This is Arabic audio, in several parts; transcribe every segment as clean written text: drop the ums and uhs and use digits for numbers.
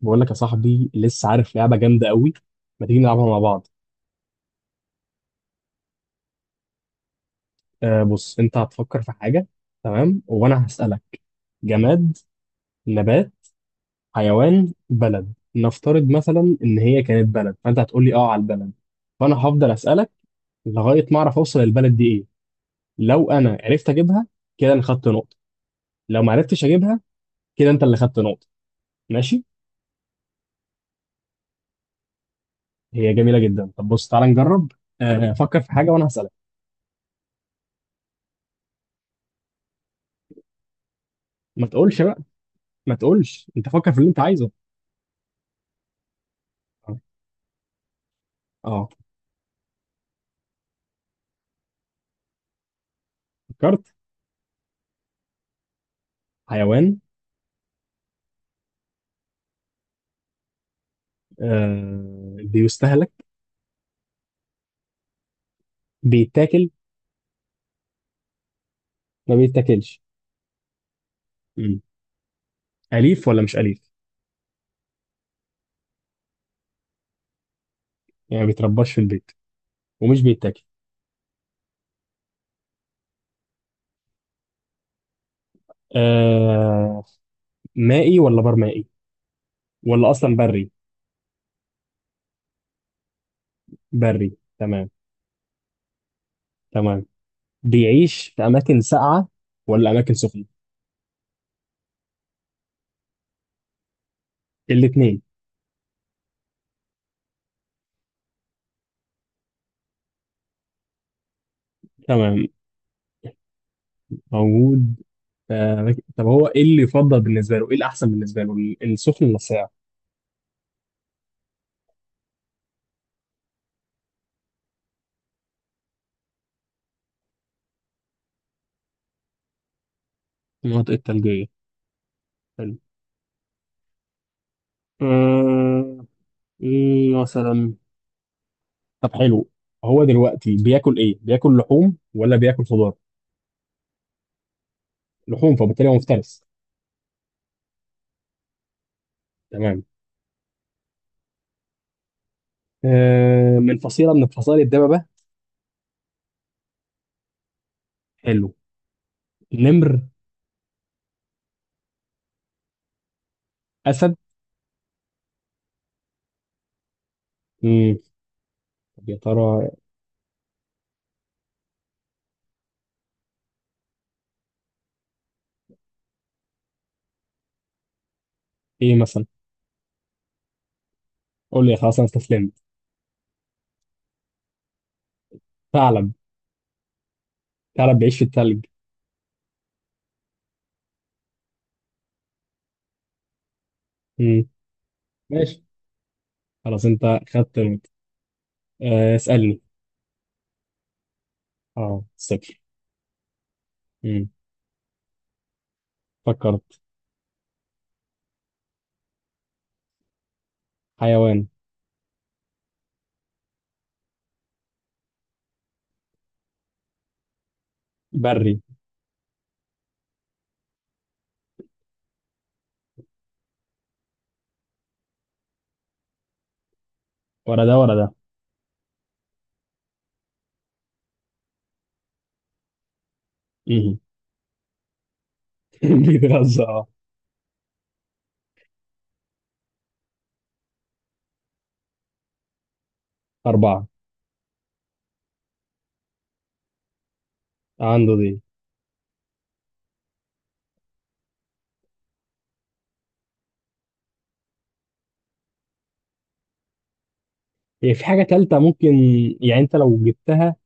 بقول لك يا صاحبي لسه عارف لعبة جامدة قوي، ما تيجي نلعبها مع بعض؟ آه، بص، انت هتفكر في حاجة تمام وانا هسألك: جماد، نبات، حيوان، بلد. نفترض مثلا ان هي كانت بلد، فانت هتقول لي اه على البلد، فانا هفضل أسألك لغاية ما اعرف اوصل البلد دي ايه. لو انا عرفت اجيبها كده انا خدت نقطة، لو ما عرفتش اجيبها كده انت اللي خدت نقطة. ماشي؟ هي جميلة جدا. طب بص، تعالى نجرب. آه، فكر في حاجة وانا هسألك. ما تقولش بقى، ما تقولش، انت فكر في اللي انت عايزه. اه. فكرت؟ حيوان. آه، بيستهلك؟ بيتاكل؟ ما بيتاكلش. مم. أليف ولا مش أليف؟ يعني ما بيترباش في البيت ومش بيتاكل. آه. مائي ولا برمائي ولا أصلا بري؟ بري، تمام. تمام. بيعيش في أماكن ساقعة ولا أماكن سخنة؟ الاتنين، تمام. موجود في طب هو إيه اللي يفضل بالنسبة له، إيه الأحسن بالنسبة له، السخن ولا الساقع؟ المناطق الثلجية، حلو. آه، إيه مثلا؟ طب حلو، هو دلوقتي بياكل ايه، بياكل لحوم ولا بياكل خضار؟ لحوم، فبالتالي هو مفترس. تمام. آه، من فصيله من فصائل الدببه؟ حلو. نمر؟ اسد؟ امم طب يا ترى، ايه مثلا؟ قول لي، خلاص انا استسلمت. ثعلب؟ ثعلب بيعيش في الثلج؟ امم ماشي، خلاص انت خدت نقطة. آه، اسالني. اه، صفر. امم فكرت. حيوان. بري. ولا ده ولا ده. امم بيتغذى اه؟ اربعه. عنده دي. هي في حاجة تالتة ممكن، يعني انت لو جبتها.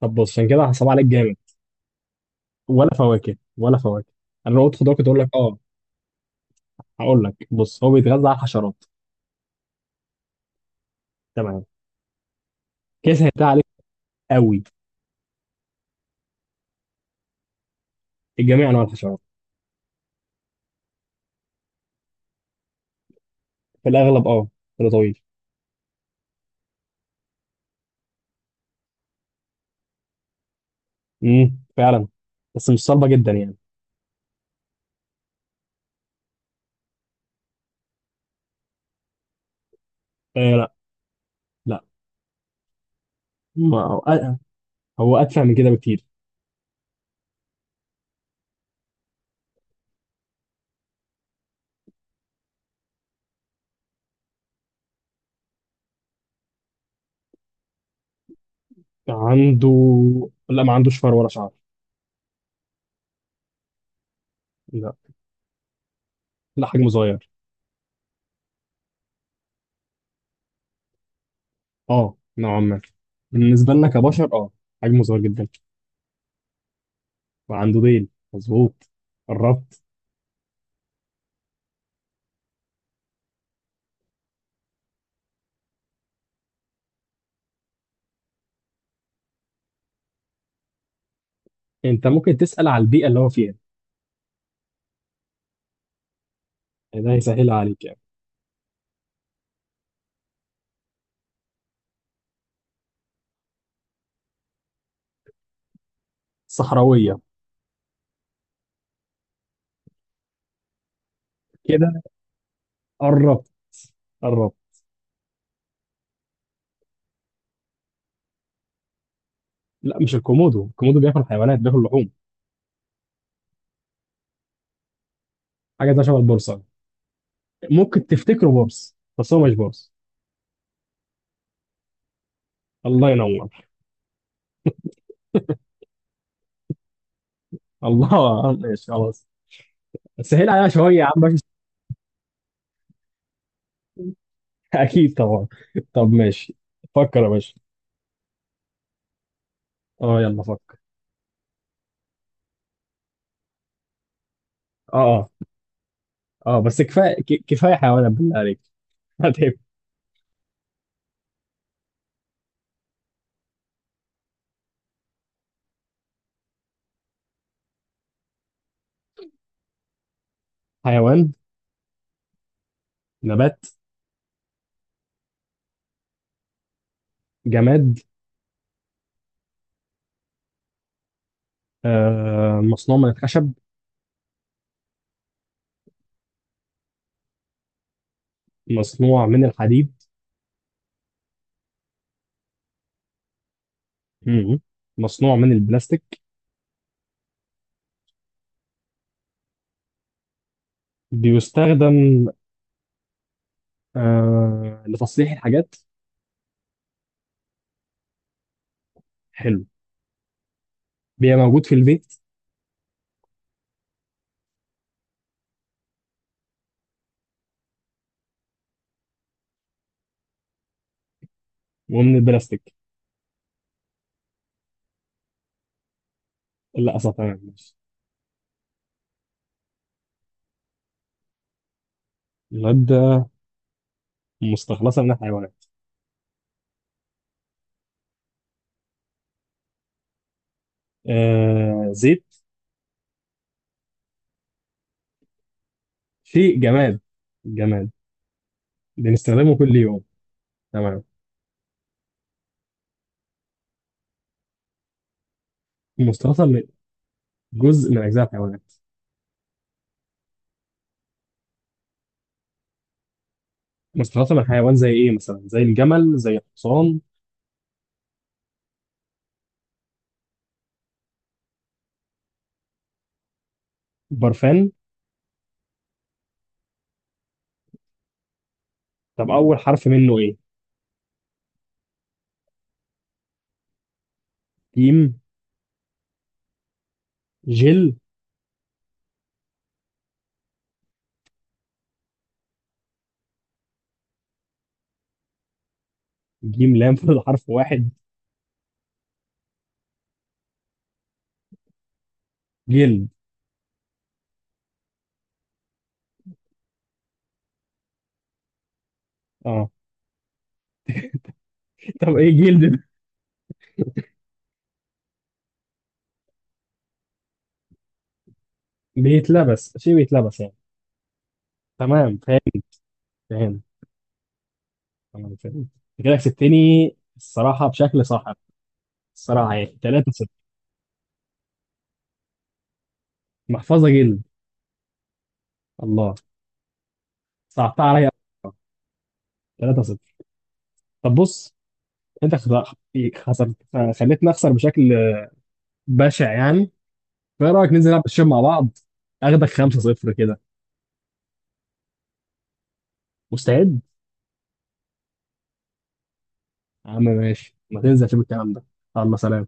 طب بص انا كده هصعب عليك جامد. ولا فواكه، ولا فواكه. انا لو قلت خضار كنت اقول لك اه. هقول لك بص، هو بيتغذى على الحشرات. تمام، كده سهلتها عليك قوي. الجميع انواع الحشرات. في الاغلب اه، كده طويل. فعلا، بس مش صلبة جدا يعني. آه لا. لا. ما هو آه، هو اتفه من كده بكتير. عنده لا، ما عندوش فر ولا شعر. لا. لا، حجمه صغير. اه نوعا ما، بالنسبة لنا كبشر اه، حجمه صغير جدا. وعنده ديل، مظبوط. قربت. انت ممكن تسأل على البيئة اللي هو فيها، يعني ده هيسهلها عليك يعني. صحراوية. كده قربت. قربت. لا مش الكومودو، الكومودو بياكل حيوانات، بياكل لحوم. حاجة ده شبه البورصة، ممكن تفتكره بورص بس هو مش بورص. الله ينور. الله، ماشي خلاص، سهل عليها شوية يا عم باشا. أكيد طبعا. طب ماشي، فكر يا باشا. اه يلا فكر. اه، اه، اه بس كفاية، كفاية حيوانات بالله عليك. هتعب. حيوان؟ نبات؟ جماد؟ آه، مصنوع من الخشب؟ مصنوع من الحديد؟ مم. مصنوع من البلاستيك؟ بيستخدم آه، لتصليح الحاجات؟ حلو. بيبقى موجود في البيت؟ ومن البلاستيك؟ للأسف. تمام، ماشي. مادة مستخلصة من الحيوانات؟ آه، زيت؟ شيء جماد. جماد، بنستخدمه كل يوم. تمام. مستخلصة من جزء من أجزاء الحيوانات. مستخلصة من حيوان زي إيه مثلا، زي الجمل، زي الحصان؟ برفان؟ طب أول حرف منه إيه؟ جيم. جل؟ جيم لام، فاضل حرف واحد. جلد. اه. طب ايه جلد ده؟ بيتلبس؟ شيء بيتلبس يعني؟ تمام فاهم. فاهم. تمام فاهم أنت، كده كسبتني الصراحه بشكل صاحب، الصراحه يعني 3 0. محفظه جلد، الله، صعبتها عليا. 3 0. طب بص، انت خسرت. خسرت، خليتني اخسر بشكل بشع يعني. فايه رايك ننزل نلعب الشوط مع بعض، اخدك 5 0 كده؟ مستعد. يا عم ماشي، ما تنزل شوف الكلام ده. الله، سلام.